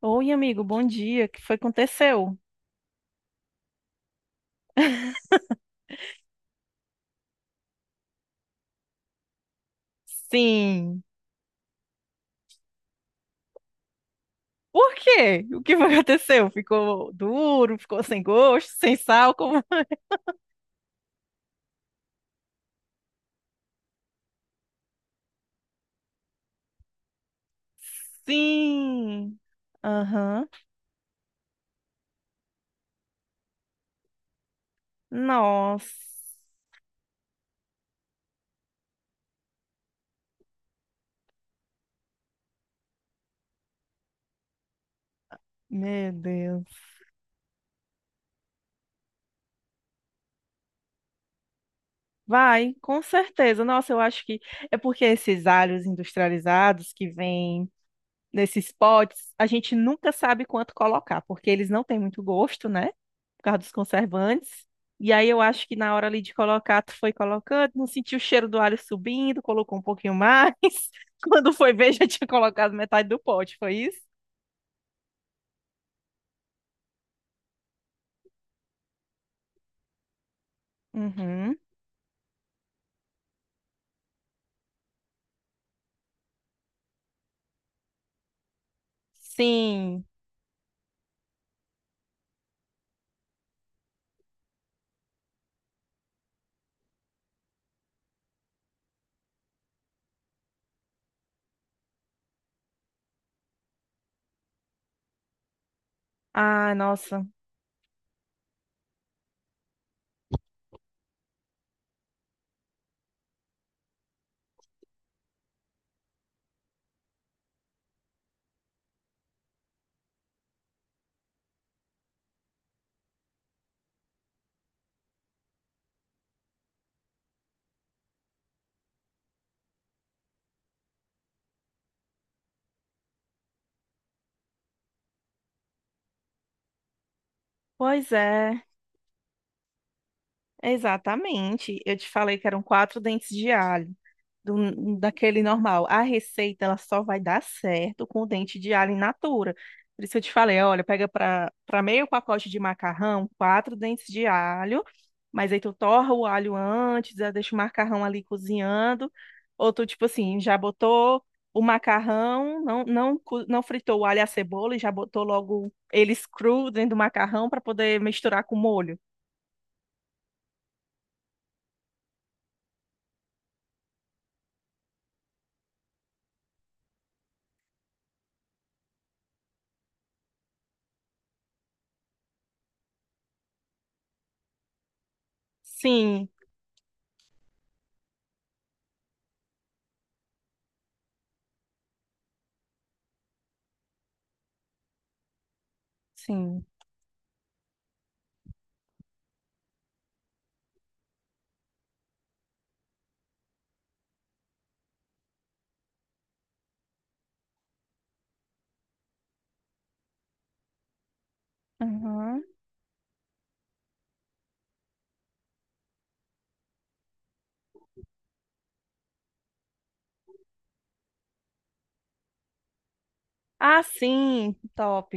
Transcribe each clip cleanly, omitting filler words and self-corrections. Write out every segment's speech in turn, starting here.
Oi, amigo, bom dia. O que foi que aconteceu? Sim. Por quê? O que foi que aconteceu? Ficou duro, ficou sem gosto, sem sal, como... Sim. Aham. Nossa. Meu Deus. Vai, com certeza. Nossa, eu acho que é porque esses alhos industrializados que vêm nesses potes, a gente nunca sabe quanto colocar, porque eles não têm muito gosto, né? Por causa dos conservantes. E aí eu acho que na hora ali de colocar, tu foi colocando, não sentiu o cheiro do alho subindo, colocou um pouquinho mais. Quando foi ver, já tinha colocado metade do pote, foi isso? Uhum. Sim. Ah, nossa. Pois é, exatamente. Eu te falei que eram 4 dentes de alho daquele normal. A receita ela só vai dar certo com o dente de alho in natura. Por isso eu te falei, olha, pega para meio pacote de macarrão, 4 dentes de alho, mas aí tu torra o alho antes, aí deixa o macarrão ali cozinhando, ou tu tipo assim, já botou o macarrão, não fritou o alho e a cebola e já botou logo eles cru dentro do macarrão para poder misturar com o molho. Sim, sim. Uhum. Ah, sim, top.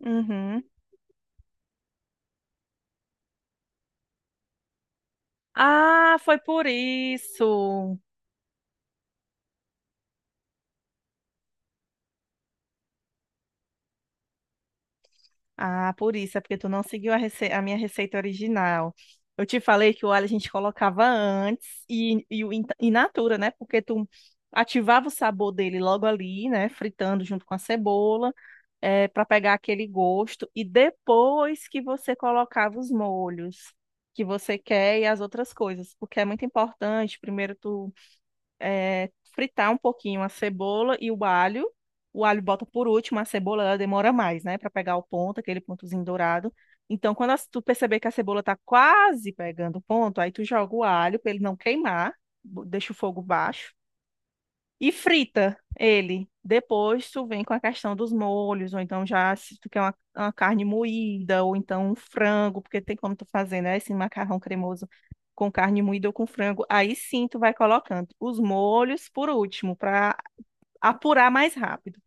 Uhum. Ah, foi por isso. Ah, por isso, é porque tu não seguiu a minha receita original. Eu te falei que o alho a gente colocava antes e o in natura, né? Porque tu ativava o sabor dele logo ali, né? Fritando junto com a cebola, é, para pegar aquele gosto. E depois que você colocava os molhos que você quer e as outras coisas, porque é muito importante. Primeiro tu fritar um pouquinho a cebola e o alho. O alho bota por último, a cebola ela demora mais, né, para pegar o ponto, aquele pontozinho dourado. Então, quando tu perceber que a cebola tá quase pegando o ponto, aí tu joga o alho para ele não queimar, deixa o fogo baixo. E frita ele. Depois tu vem com a questão dos molhos, ou então já se tu quer uma carne moída, ou então um frango, porque tem como tu fazer, né? Esse macarrão cremoso com carne moída ou com frango. Aí sim tu vai colocando os molhos por último, para apurar mais rápido.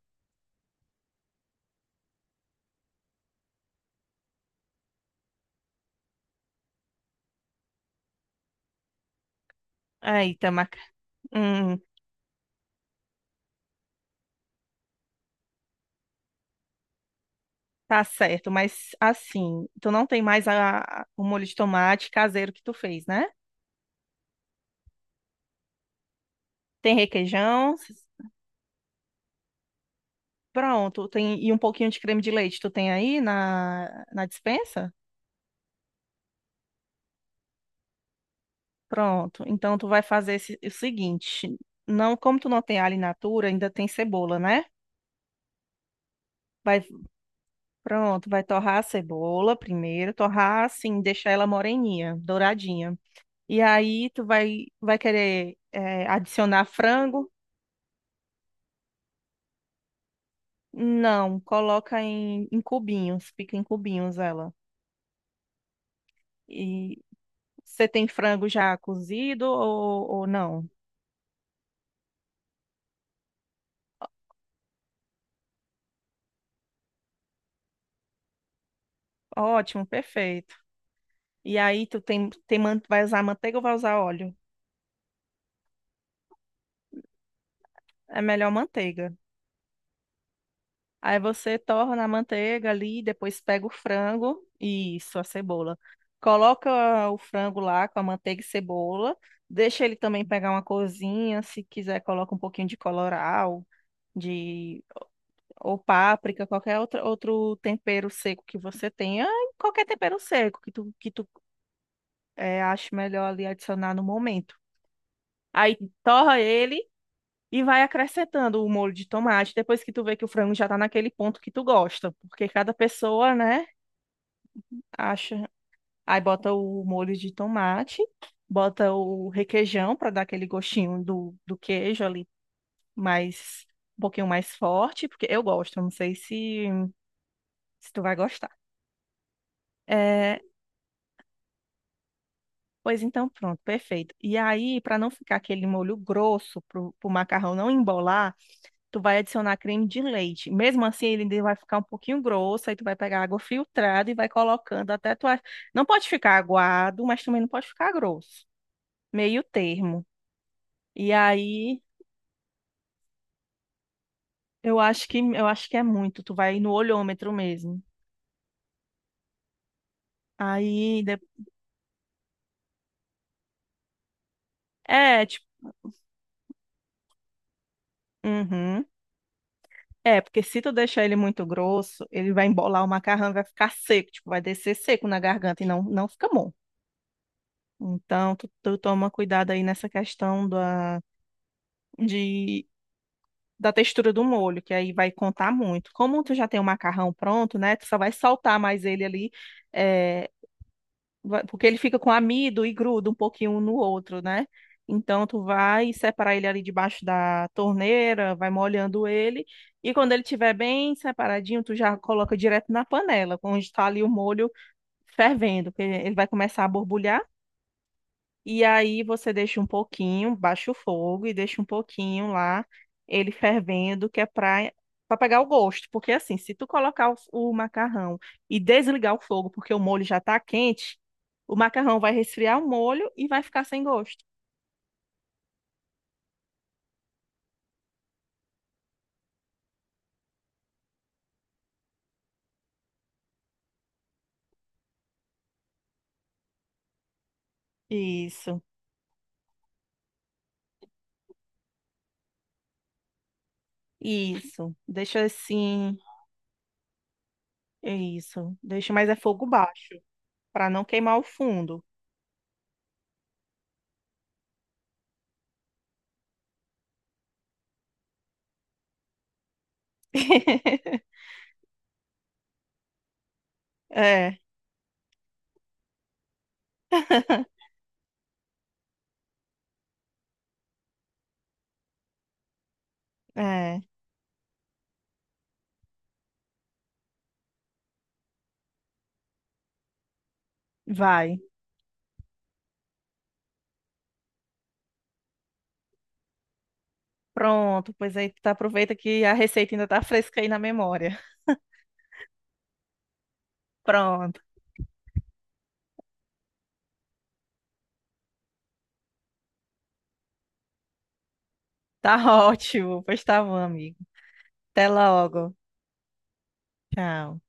Aí, tá, mac- hum, tá certo, mas assim, tu não tem mais o molho de tomate caseiro que tu fez, né? Tem requeijão. Pronto, tem e um pouquinho de creme de leite tu tem aí na dispensa? Pronto, então tu vai fazer o seguinte, não, como tu não tem alho in natura, ainda tem cebola, né? Vai, pronto, vai torrar a cebola primeiro, torrar assim, deixar ela moreninha, douradinha. E aí tu vai, vai querer adicionar frango? Não, coloca em cubinhos, pica em cubinhos ela. E você tem frango já cozido ou não? Ótimo, perfeito. E aí tu tem, tem, vai usar manteiga ou vai usar óleo? É melhor manteiga. Aí você torna a manteiga ali, depois pega o frango e isso, a cebola. Coloca o frango lá com a manteiga e cebola. Deixa ele também pegar uma corzinha, se quiser coloca um pouquinho de colorau, de ou páprica, qualquer outro tempero seco que você tenha, qualquer tempero seco que tu ache melhor ali adicionar no momento. Aí torra ele e vai acrescentando o molho de tomate depois que tu vê que o frango já tá naquele ponto que tu gosta. Porque cada pessoa, né, acha. Aí bota o molho de tomate, bota o requeijão para dar aquele gostinho do queijo ali mais, um pouquinho mais forte, porque eu gosto, não sei se, se tu vai gostar. É, pois então, pronto, perfeito. E aí, para não ficar aquele molho grosso, pro macarrão não embolar, tu vai adicionar creme de leite. Mesmo assim, ele ainda vai ficar um pouquinho grosso, aí tu vai pegar água filtrada e vai colocando até não pode ficar aguado, mas também não pode ficar grosso. Meio termo. E aí, eu acho que é muito, tu vai no olhômetro mesmo. Aí, de- é, tipo, uhum. É, porque se tu deixar ele muito grosso, ele vai embolar o macarrão e vai ficar seco, tipo, vai descer seco na garganta e não, não fica bom. Então, tu toma cuidado aí nessa questão de da textura do molho, que aí vai contar muito. Como tu já tem o macarrão pronto, né? Tu só vai soltar mais ele ali, é, porque ele fica com amido e gruda um pouquinho um no outro, né? Então tu vai separar ele ali debaixo da torneira, vai molhando ele, e quando ele estiver bem separadinho, tu já coloca direto na panela, onde está ali o molho fervendo, porque ele vai começar a borbulhar. E aí você deixa um pouquinho, baixa o fogo e deixa um pouquinho lá, ele fervendo, que é para pegar o gosto, porque assim, se tu colocar o macarrão e desligar o fogo, porque o molho já tá quente, o macarrão vai resfriar o molho e vai ficar sem gosto. Isso, isso. Deixa assim, é isso. Deixa, mas é fogo baixo, para não queimar o fundo. É, é. Vai. Pronto, pois aí tu aproveita que a receita ainda tá fresca aí na memória. Pronto, tá ótimo. Pois tá bom, amigo. Até logo. Tchau.